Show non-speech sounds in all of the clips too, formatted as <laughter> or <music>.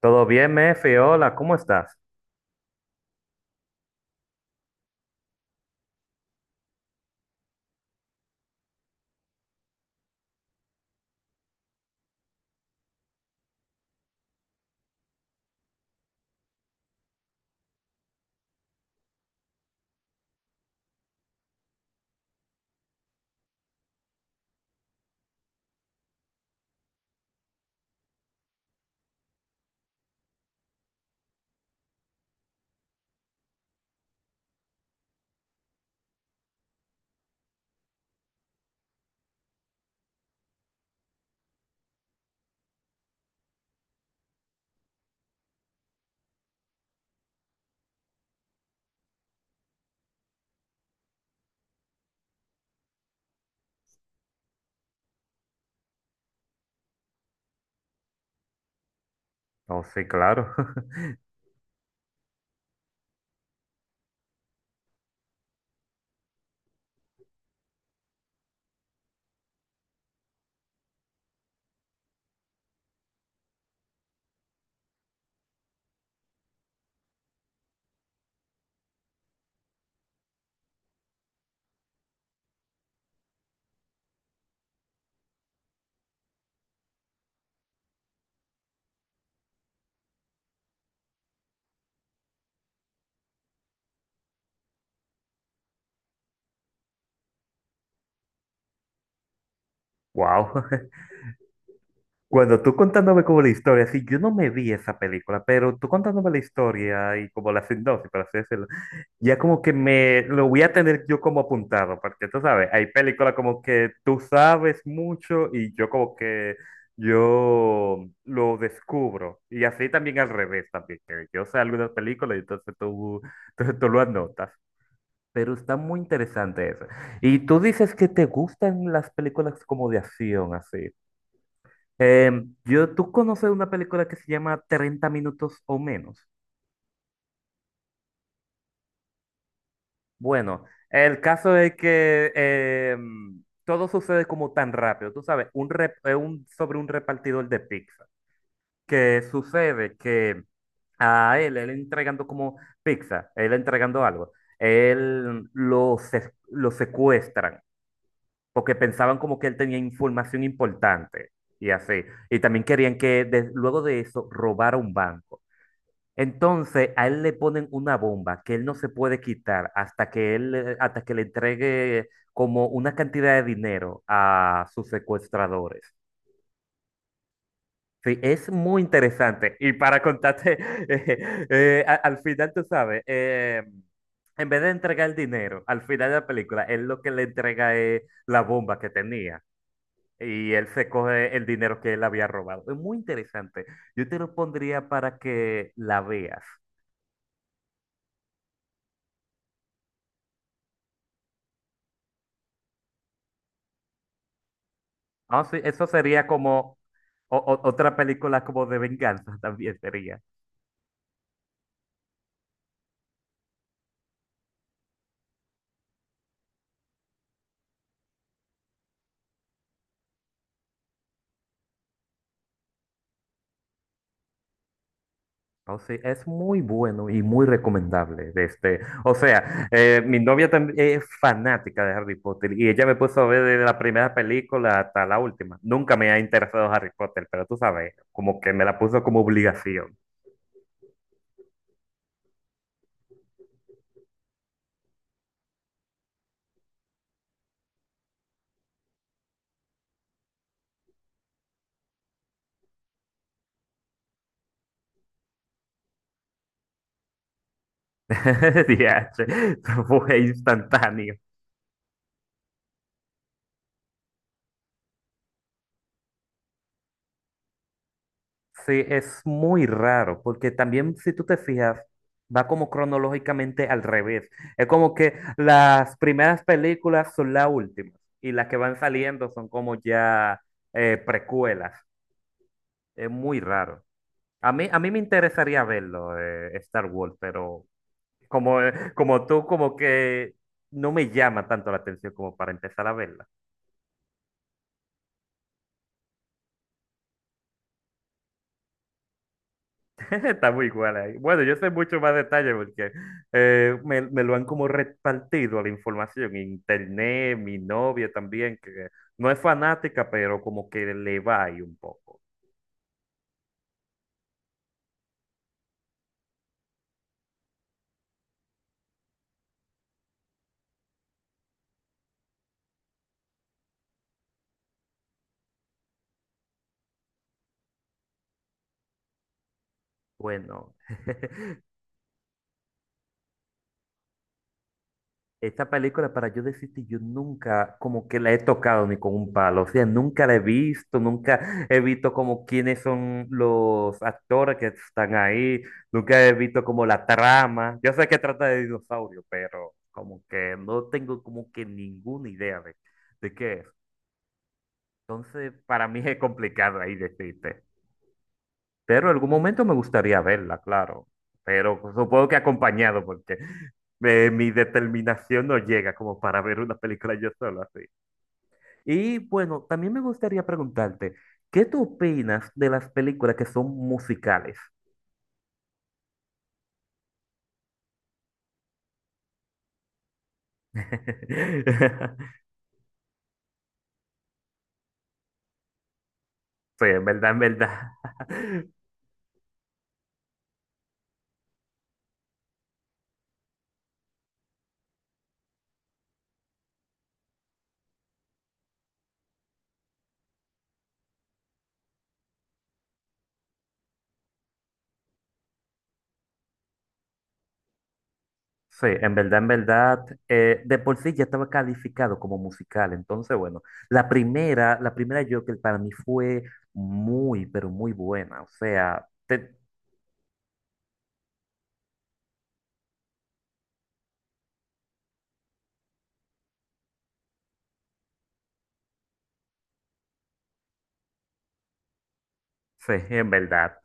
¿Todo bien, Mefe. Hola, ¿cómo estás? Oh, sí, claro. <laughs> Wow. <laughs> Cuando tú contándome como la historia, sí, yo no me vi esa película, pero tú contándome la historia y como la sinopsis, por así decirlo, ya como que me lo voy a tener yo como apuntado, porque tú sabes, hay películas como que tú sabes mucho y yo como que yo lo descubro. Y así también al revés, también, que yo sé algunas películas y entonces tú, <laughs> tú lo anotas. Pero está muy interesante eso. Y tú dices que te gustan las películas como de acción, así. Yo, ¿tú conoces una película que se llama 30 minutos o menos? Bueno, el caso es que todo sucede como tan rápido, tú sabes, sobre un repartidor de pizza, que sucede que a él, él entregando como pizza, él entregando algo, lo secuestran porque pensaban como que él tenía información importante y así. Y también querían que luego de eso robara un banco. Entonces a él le ponen una bomba que él no se puede quitar hasta que él, hasta que le entregue como una cantidad de dinero a sus secuestradores. Sí, es muy interesante. Y para contarte, <laughs> al final, tú sabes, en vez de entregar el dinero, al final de la película, él lo que le entrega es la bomba que tenía. Y él se coge el dinero que él había robado. Es muy interesante. Yo te lo pondría para que la veas. Ah, sí, eso sería como otra película como de venganza <laughs> también sería. O sea, es muy bueno y muy recomendable. De este. O sea, mi novia también es fanática de Harry Potter y ella me puso a ver desde la primera película hasta la última. Nunca me ha interesado Harry Potter, pero tú sabes, como que me la puso como obligación. <laughs> Diache, fue instantáneo. Sí, es muy raro, porque también si tú te fijas, va como cronológicamente al revés. Es como que las primeras películas son las últimas y las que van saliendo son como ya precuelas. Es muy raro. A mí me interesaría verlo, Star Wars, pero como, como tú, como que no me llama tanto la atención como para empezar a verla. Está muy igual ahí. Bueno, yo sé mucho más detalle porque me lo han como repartido la información. Internet, mi novia también, que no es fanática, pero como que le va ahí un poco. Bueno. <laughs> Esta película, para yo decirte, yo nunca como que la he tocado ni con un palo, o sea, nunca la he visto, nunca he visto como quiénes son los actores que están ahí, nunca he visto como la trama. Yo sé que trata de dinosaurios, pero como que no tengo como que ninguna idea de qué es. Entonces, para mí es complicado ahí decirte. Pero en algún momento me gustaría verla, claro. Pero pues, supongo que acompañado, porque mi determinación no llega como para ver una película yo solo así. Y bueno, también me gustaría preguntarte, ¿qué tú opinas de las películas que son musicales? <laughs> Sí, en verdad, en verdad. <laughs> Sí, en verdad, de por sí ya estaba calificado como musical. Entonces, bueno, la primera Joker para mí fue muy, pero muy buena. O sea, te- sí, <laughs> en verdad.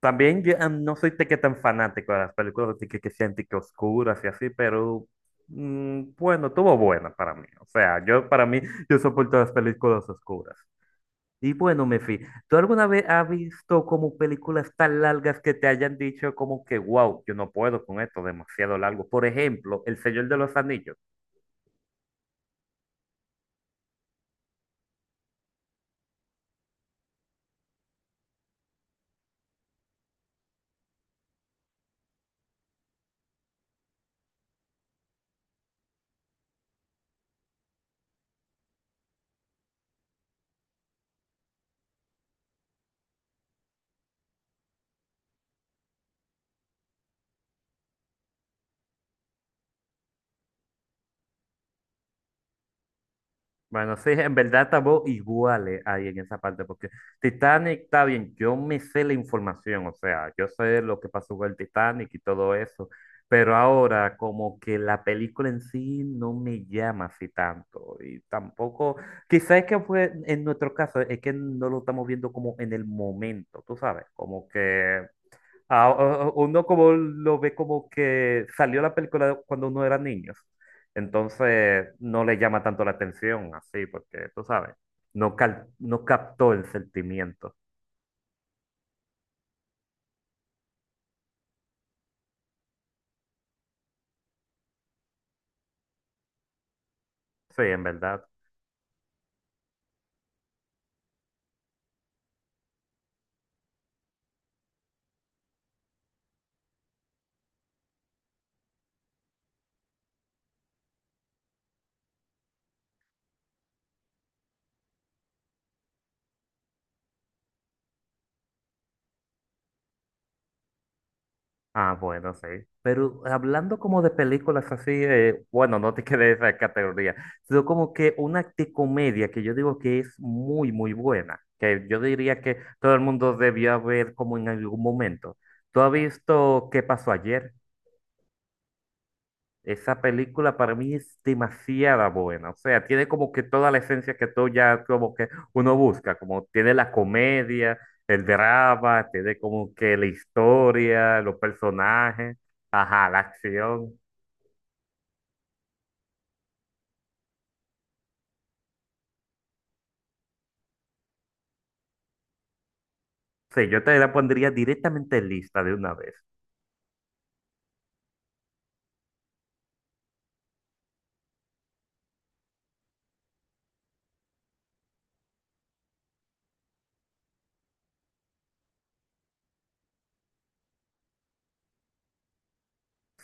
También yo ah, no soy de que tan fanático de las películas de que sean de que oscuras y así, pero mm, bueno, estuvo buena para mí. O sea, yo para mí, yo soporto las películas oscuras. Y bueno, Mefi, ¿tú alguna vez has visto como películas tan largas que te hayan dicho como que, wow, yo no puedo con esto, demasiado largo? Por ejemplo, El Señor de los Anillos. Bueno, sí, en verdad estamos iguales ahí en esa parte, porque Titanic está bien, yo me sé la información, o sea, yo sé lo que pasó con el Titanic y todo eso, pero ahora como que la película en sí no me llama así tanto, y tampoco, quizás es que fue en nuestro caso, es que no lo estamos viendo como en el momento, tú sabes, como que Ah, uno como lo ve como que salió la película cuando uno era niño. Entonces no le llama tanto la atención así, porque tú sabes, no, no captó el sentimiento. Sí, en verdad. Ah, bueno, sí. Pero hablando como de películas así, bueno, no te <laughs> quedé de esa categoría, sino como que una comedia que yo digo que es muy, muy buena, que yo diría que todo el mundo debió ver como en algún momento. ¿Tú has visto qué pasó ayer? Esa película para mí es demasiada buena, o sea, tiene como que toda la esencia que tú ya como que uno busca, como tiene la comedia, el drama, tiene como que la historia, los personajes, ajá, la acción. Sí, yo te la pondría directamente en lista de una vez.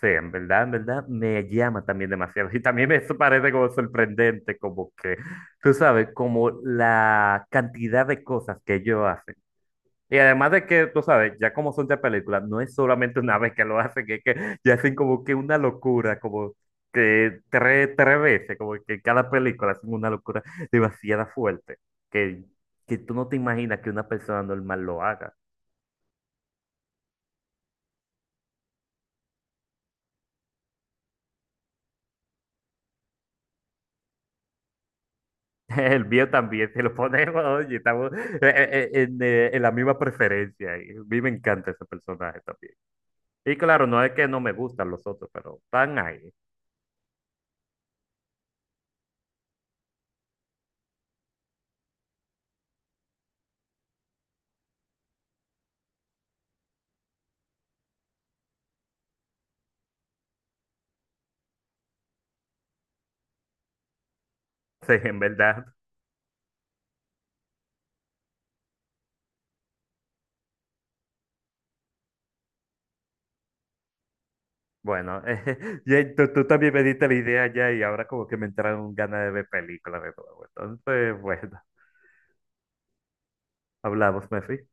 Sí, en verdad, me llama también demasiado. Y también me eso parece como sorprendente, como que, tú sabes, como la cantidad de cosas que ellos hacen. Y además de que, tú sabes, ya como son ya películas, no es solamente una vez que lo hacen, es que ya hacen como que una locura, como que tres veces, como que cada película hacen una locura demasiado fuerte, que, que tú no te imaginas que una persona normal lo haga. <laughs> El mío también, si lo ponemos, oye, estamos en la misma preferencia. Y a mí me encanta ese personaje también. Y claro, no es que no me gustan los otros, pero están ahí. <laughs> Sí, en verdad. Bueno, <laughs> tú también me diste la idea ya y ahora como que me entraron ganas de ver películas de nuevo. Entonces, <laughs> bueno, hablamos, Messi.